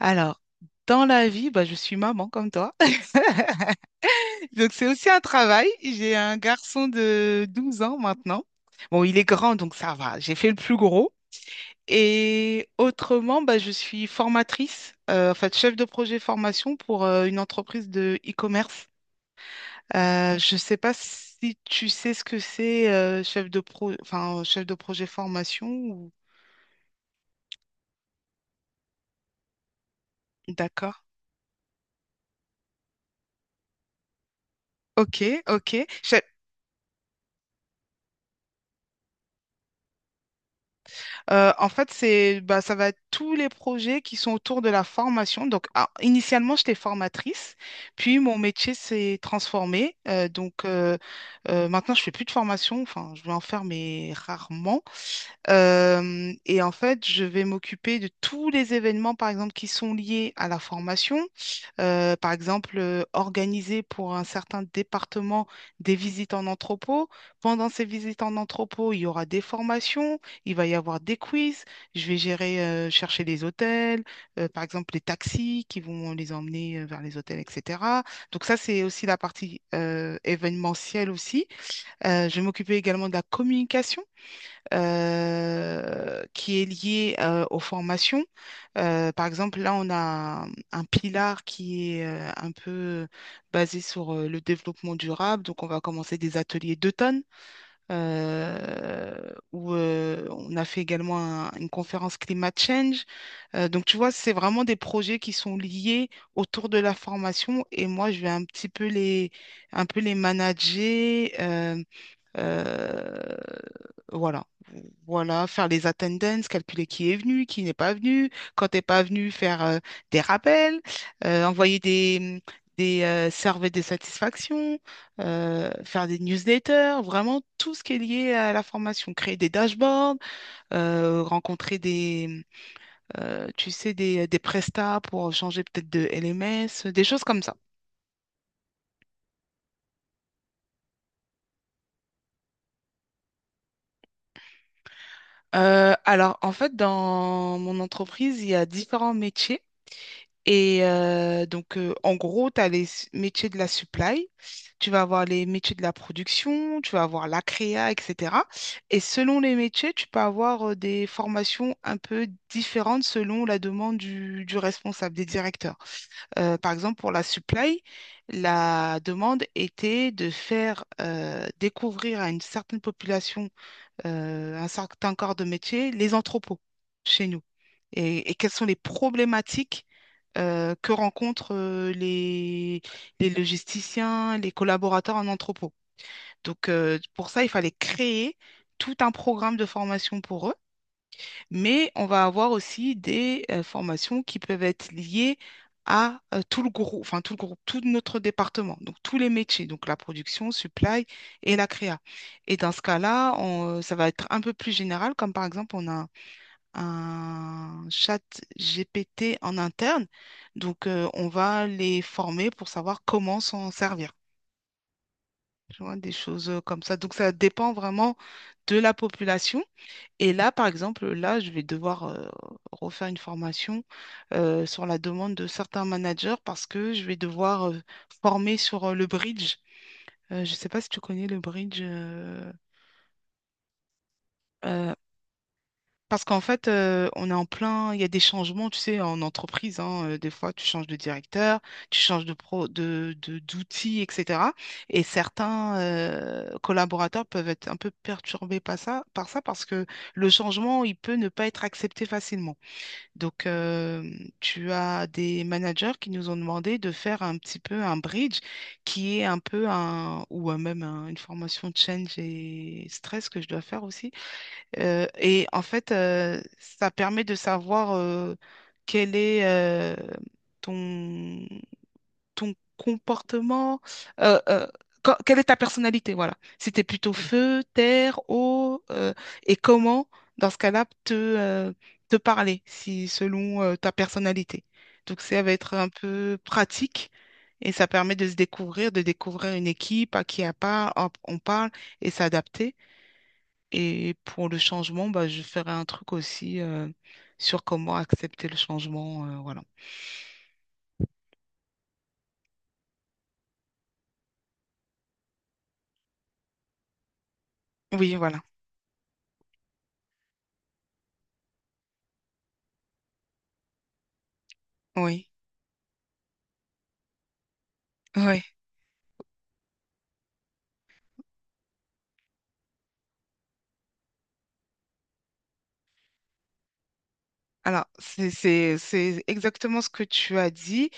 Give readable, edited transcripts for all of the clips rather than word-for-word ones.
Alors, dans la vie, je suis maman comme toi. Donc, c'est aussi un travail. J'ai un garçon de 12 ans maintenant. Bon, il est grand, donc ça va. J'ai fait le plus gros. Et autrement, je suis formatrice, en fait, chef de projet formation pour une entreprise de e-commerce. Je ne sais pas si tu sais ce que c'est, enfin, chef de projet formation ou... D'accord. Ok, ok. Je- en fait, c'est, ça va être tous les projets qui sont autour de la formation. Donc, initialement, j'étais formatrice, puis mon métier s'est transformé. Donc maintenant, je fais plus de formation. Enfin, je vais en faire, mais rarement. Et en fait, je vais m'occuper de tous les événements, par exemple, qui sont liés à la formation. Par exemple, organiser pour un certain département des visites en entrepôt. Pendant ces visites en entrepôt, il y aura des formations, il va y avoir des quiz. Je vais gérer, chercher les hôtels, par exemple, les taxis qui vont les emmener vers les hôtels, etc. Donc ça, c'est aussi la partie événementielle aussi. Je vais m'occuper également de la communication qui est lié aux formations. Par exemple, là, on a un pilar qui est un peu basé sur le développement durable. Donc, on va commencer des ateliers d'automne euh, où on a fait également une conférence Climate Change. Donc, tu vois, c'est vraiment des projets qui sont liés autour de la formation et moi, je vais un peu les manager. Euh, voilà. Voilà, faire les attendances, calculer qui est venu, qui n'est pas venu, quand t'es pas venu, faire des rappels, envoyer des surveys de satisfaction, faire des newsletters, vraiment tout ce qui est lié à la formation, créer des dashboards, rencontrer tu sais, des prestats pour changer peut-être de LMS, des choses comme ça. Alors, en fait, dans mon entreprise, il y a différents métiers. Et donc, en gros, tu as métiers de la supply, tu vas avoir les métiers de la production, tu vas avoir la créa, etc. Et selon les métiers, tu peux avoir des formations un peu différentes selon la demande du responsable, des directeurs. Par exemple, pour la supply, la demande était de faire découvrir à une certaine population un certain corps de métier, les entrepôts chez nous. Et quelles sont les problématiques que rencontrent les logisticiens, les collaborateurs en entrepôt. Donc, pour ça, il fallait créer tout un programme de formation pour eux, mais on va avoir aussi des formations qui peuvent être liées à tout le groupe, enfin tout le groupe, tout notre département, donc tous les métiers, donc la production, supply et la créa. Et dans ce cas-là, ça va être un peu plus général, comme par exemple, on a un chat GPT en interne, donc on va les former pour savoir comment s'en servir. Tu vois, des choses comme ça. Donc ça dépend vraiment de la population. Et là, par exemple, là, je vais devoir refaire une formation sur la demande de certains managers parce que je vais devoir former sur le bridge. Je ne sais pas si tu connais le bridge. Euh, parce qu'en fait, on est en plein, il y a des changements, tu sais, en entreprise, hein, des fois, tu changes de directeur, tu changes de pro, de- d'outils, etc. Et certains collaborateurs peuvent être un peu perturbés par ça parce que le changement, il peut ne pas être accepté facilement. Donc, tu as des managers qui nous ont demandé de faire un petit peu un bridge qui est un peu un, ou même un- une formation change et stress que je dois faire aussi. Et en fait, ça permet de savoir quel est ton ton comportement, euh, euh, quelle est ta personnalité, voilà. Si tu es plutôt feu, terre, eau, et comment, dans ce cas-là, te parler, si selon ta personnalité. Donc ça va être un peu pratique et ça permet de se découvrir, de découvrir une équipe à qui hop, on parle et s'adapter. Et pour le changement, je ferai un truc aussi sur comment accepter le changement, voilà. Oui, voilà. Oui, oui. Alors, c'est exactement ce que tu as dit.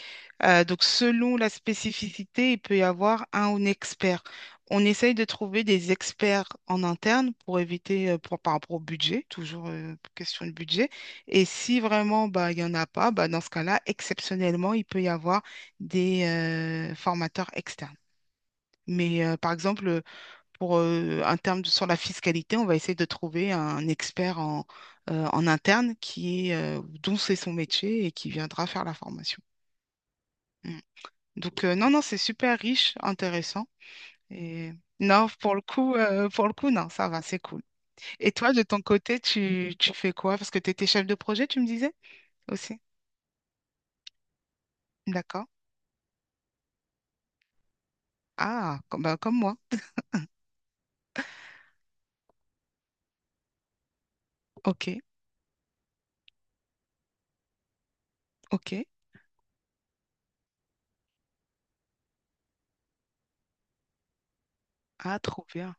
Donc, selon la spécificité, il peut y avoir un expert. On essaye de trouver des experts en interne pour éviter, par rapport au budget, toujours question de budget. Et si vraiment, il n'y en a pas, dans ce cas-là, exceptionnellement, il peut y avoir des formateurs externes. Mais par exemple, pour un sur la fiscalité, on va essayer de trouver un expert en interne qui est, dont c'est son métier et qui viendra faire la formation. Mm. Donc, non, non, c'est super riche, intéressant. Et non, pour le coup, non, ça va, c'est cool. Et toi, de ton côté, tu fais quoi? Parce que tu étais chef de projet, tu me disais aussi. D'accord. Ah, bah, comme moi. Ok, ok. Ah, trop bien.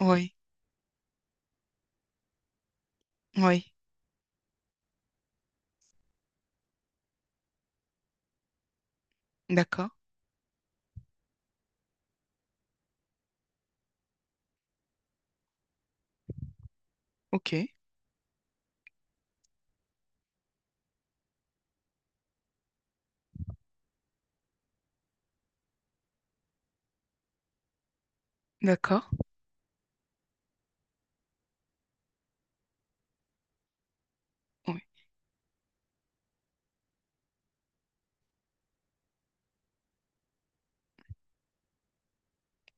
Oui, oui. D'accord. Ok, d'accord. Oui.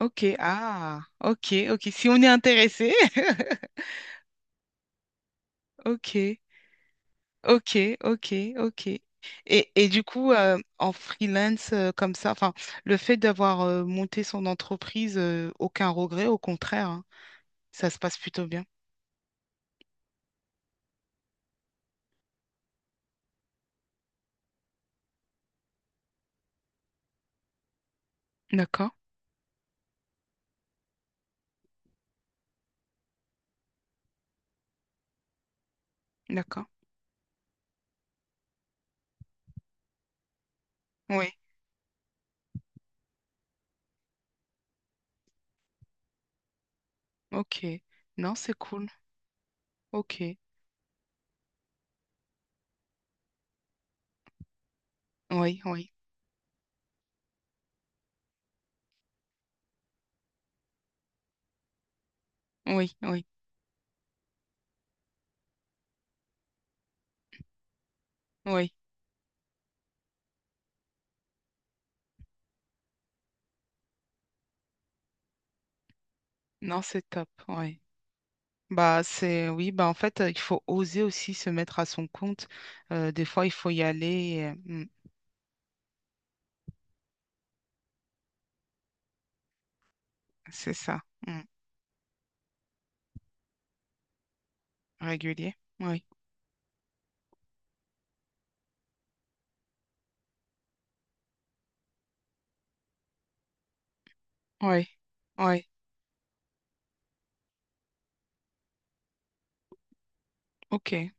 Ok, ah, ok, ok. Si on est intéressé, ok, ok, ok, ok. Et du coup, en freelance comme ça, enfin, le fait d'avoir monté son entreprise, aucun regret, au contraire, hein. Ça se passe plutôt bien. D'accord, d'accord. Oui, ok. Non, c'est cool. Ok. Oui, oui, oui, oui, oui. Non, c'est top. Oui. Oui, en fait, il faut oser aussi se mettre à son compte. Des fois, il faut y aller. C'est ça. Mm. Régulier. Oui. Oui. Oui. OK.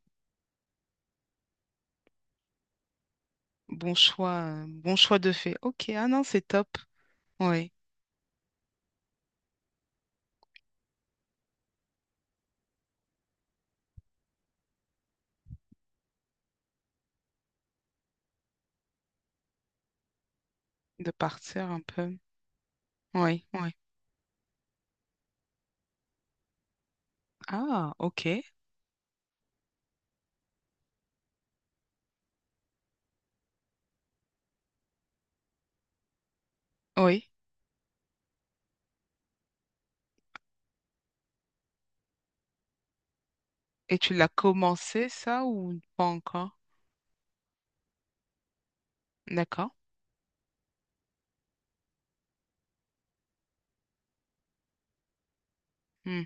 Bon choix. Bon choix de fait. OK. Ah non, c'est top. Oui. De partir un peu. Oui. Oui. Ah, OK. Oui. Et tu l'as commencé, ça, ou pas encore? D'accord. Mm.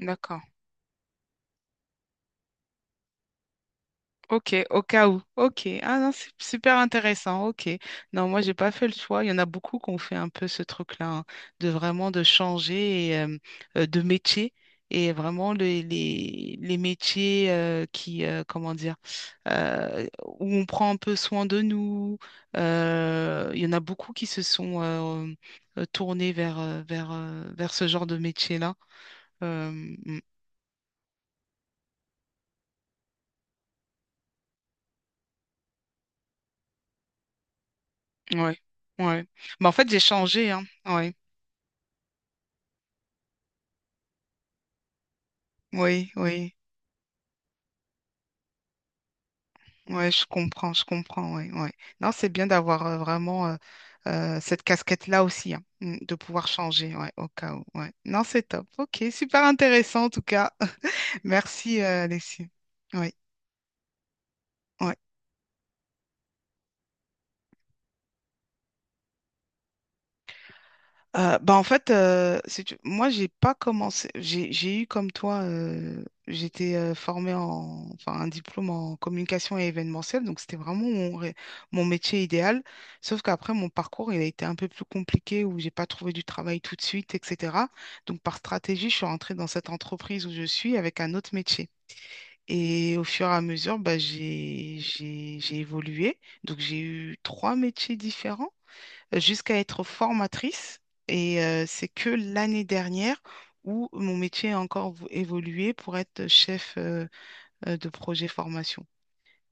D'accord. Ok, au cas où. Ok. Ah non, c'est super intéressant. Ok. Non, moi, j'ai pas fait le choix. Il y en a beaucoup qui ont fait un peu ce truc-là, hein, de vraiment de changer et, de métier. Et vraiment, les métiers qui, comment dire, euh, où on prend un peu soin de nous. Il y en a beaucoup qui se sont tournés vers ce genre de métier-là. Euh, mm, ouais, ouais. Mais en fait, j'ai changé, hein. Ouais. Oui, oui. Ouais, je comprends, ouais, ouais. Non, c'est bien d'avoir vraiment cette casquette-là aussi, hein, mm, de pouvoir changer, ouais, au cas où, ouais. Non, c'est top. Ok, super intéressant en tout cas. Merci, Alexis. Oui, ouais. En fait, si moi, j'ai pas commencé. J'ai eu comme toi, j'étais formée enfin, un diplôme en communication et événementiel, donc c'était vraiment mon métier idéal. Sauf qu'après, mon parcours, il a été un peu plus compliqué où j'ai pas trouvé du travail tout de suite, etc. Donc, par stratégie, je suis rentrée dans cette entreprise où je suis avec un autre métier. Et au fur et à mesure, j'ai évolué. Donc, j'ai eu trois métiers différents jusqu'à être formatrice. Et c'est que l'année dernière où mon métier a encore évolué pour être chef de projet formation.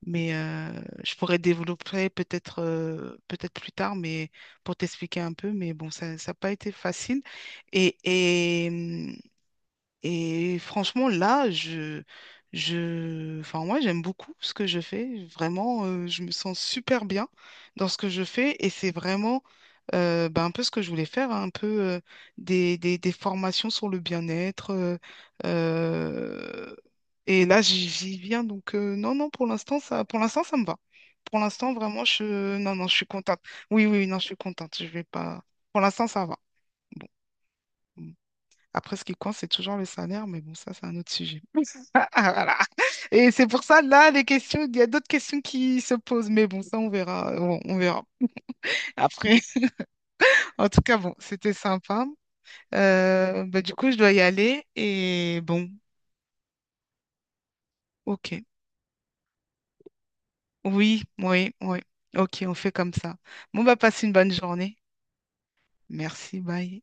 Mais je pourrais développer peut-être plus tard, mais pour t'expliquer un peu. Mais bon, ça n'a pas été facile. Et, et, hum, et franchement, là, enfin, moi, j'aime beaucoup ce que je fais. Vraiment, je me sens super bien dans ce que je fais. Et c'est vraiment un peu ce que je voulais faire, hein, un peu des formations sur le bien-être. Euh, et là, j'y viens. Donc, non, non, pour l'instant, pour l'instant, ça me va. Pour l'instant, vraiment, non, non, je suis contente. Oui, oui, non, je suis contente. Je vais pas. Pour l'instant, ça va. Après, ce qui compte, c'est toujours le salaire, mais bon, ça, c'est un autre sujet. Ah, ah, voilà. Et c'est pour ça, là, les questions, il y a d'autres questions qui se posent, mais bon, ça, on verra. On verra. Après, en tout cas, bon, c'était sympa. Bah, du coup, je dois y aller. Et bon, ok. Oui, oui, oui. Ok, on fait comme ça. Bon, bah, passe une bonne journée. Merci, bye.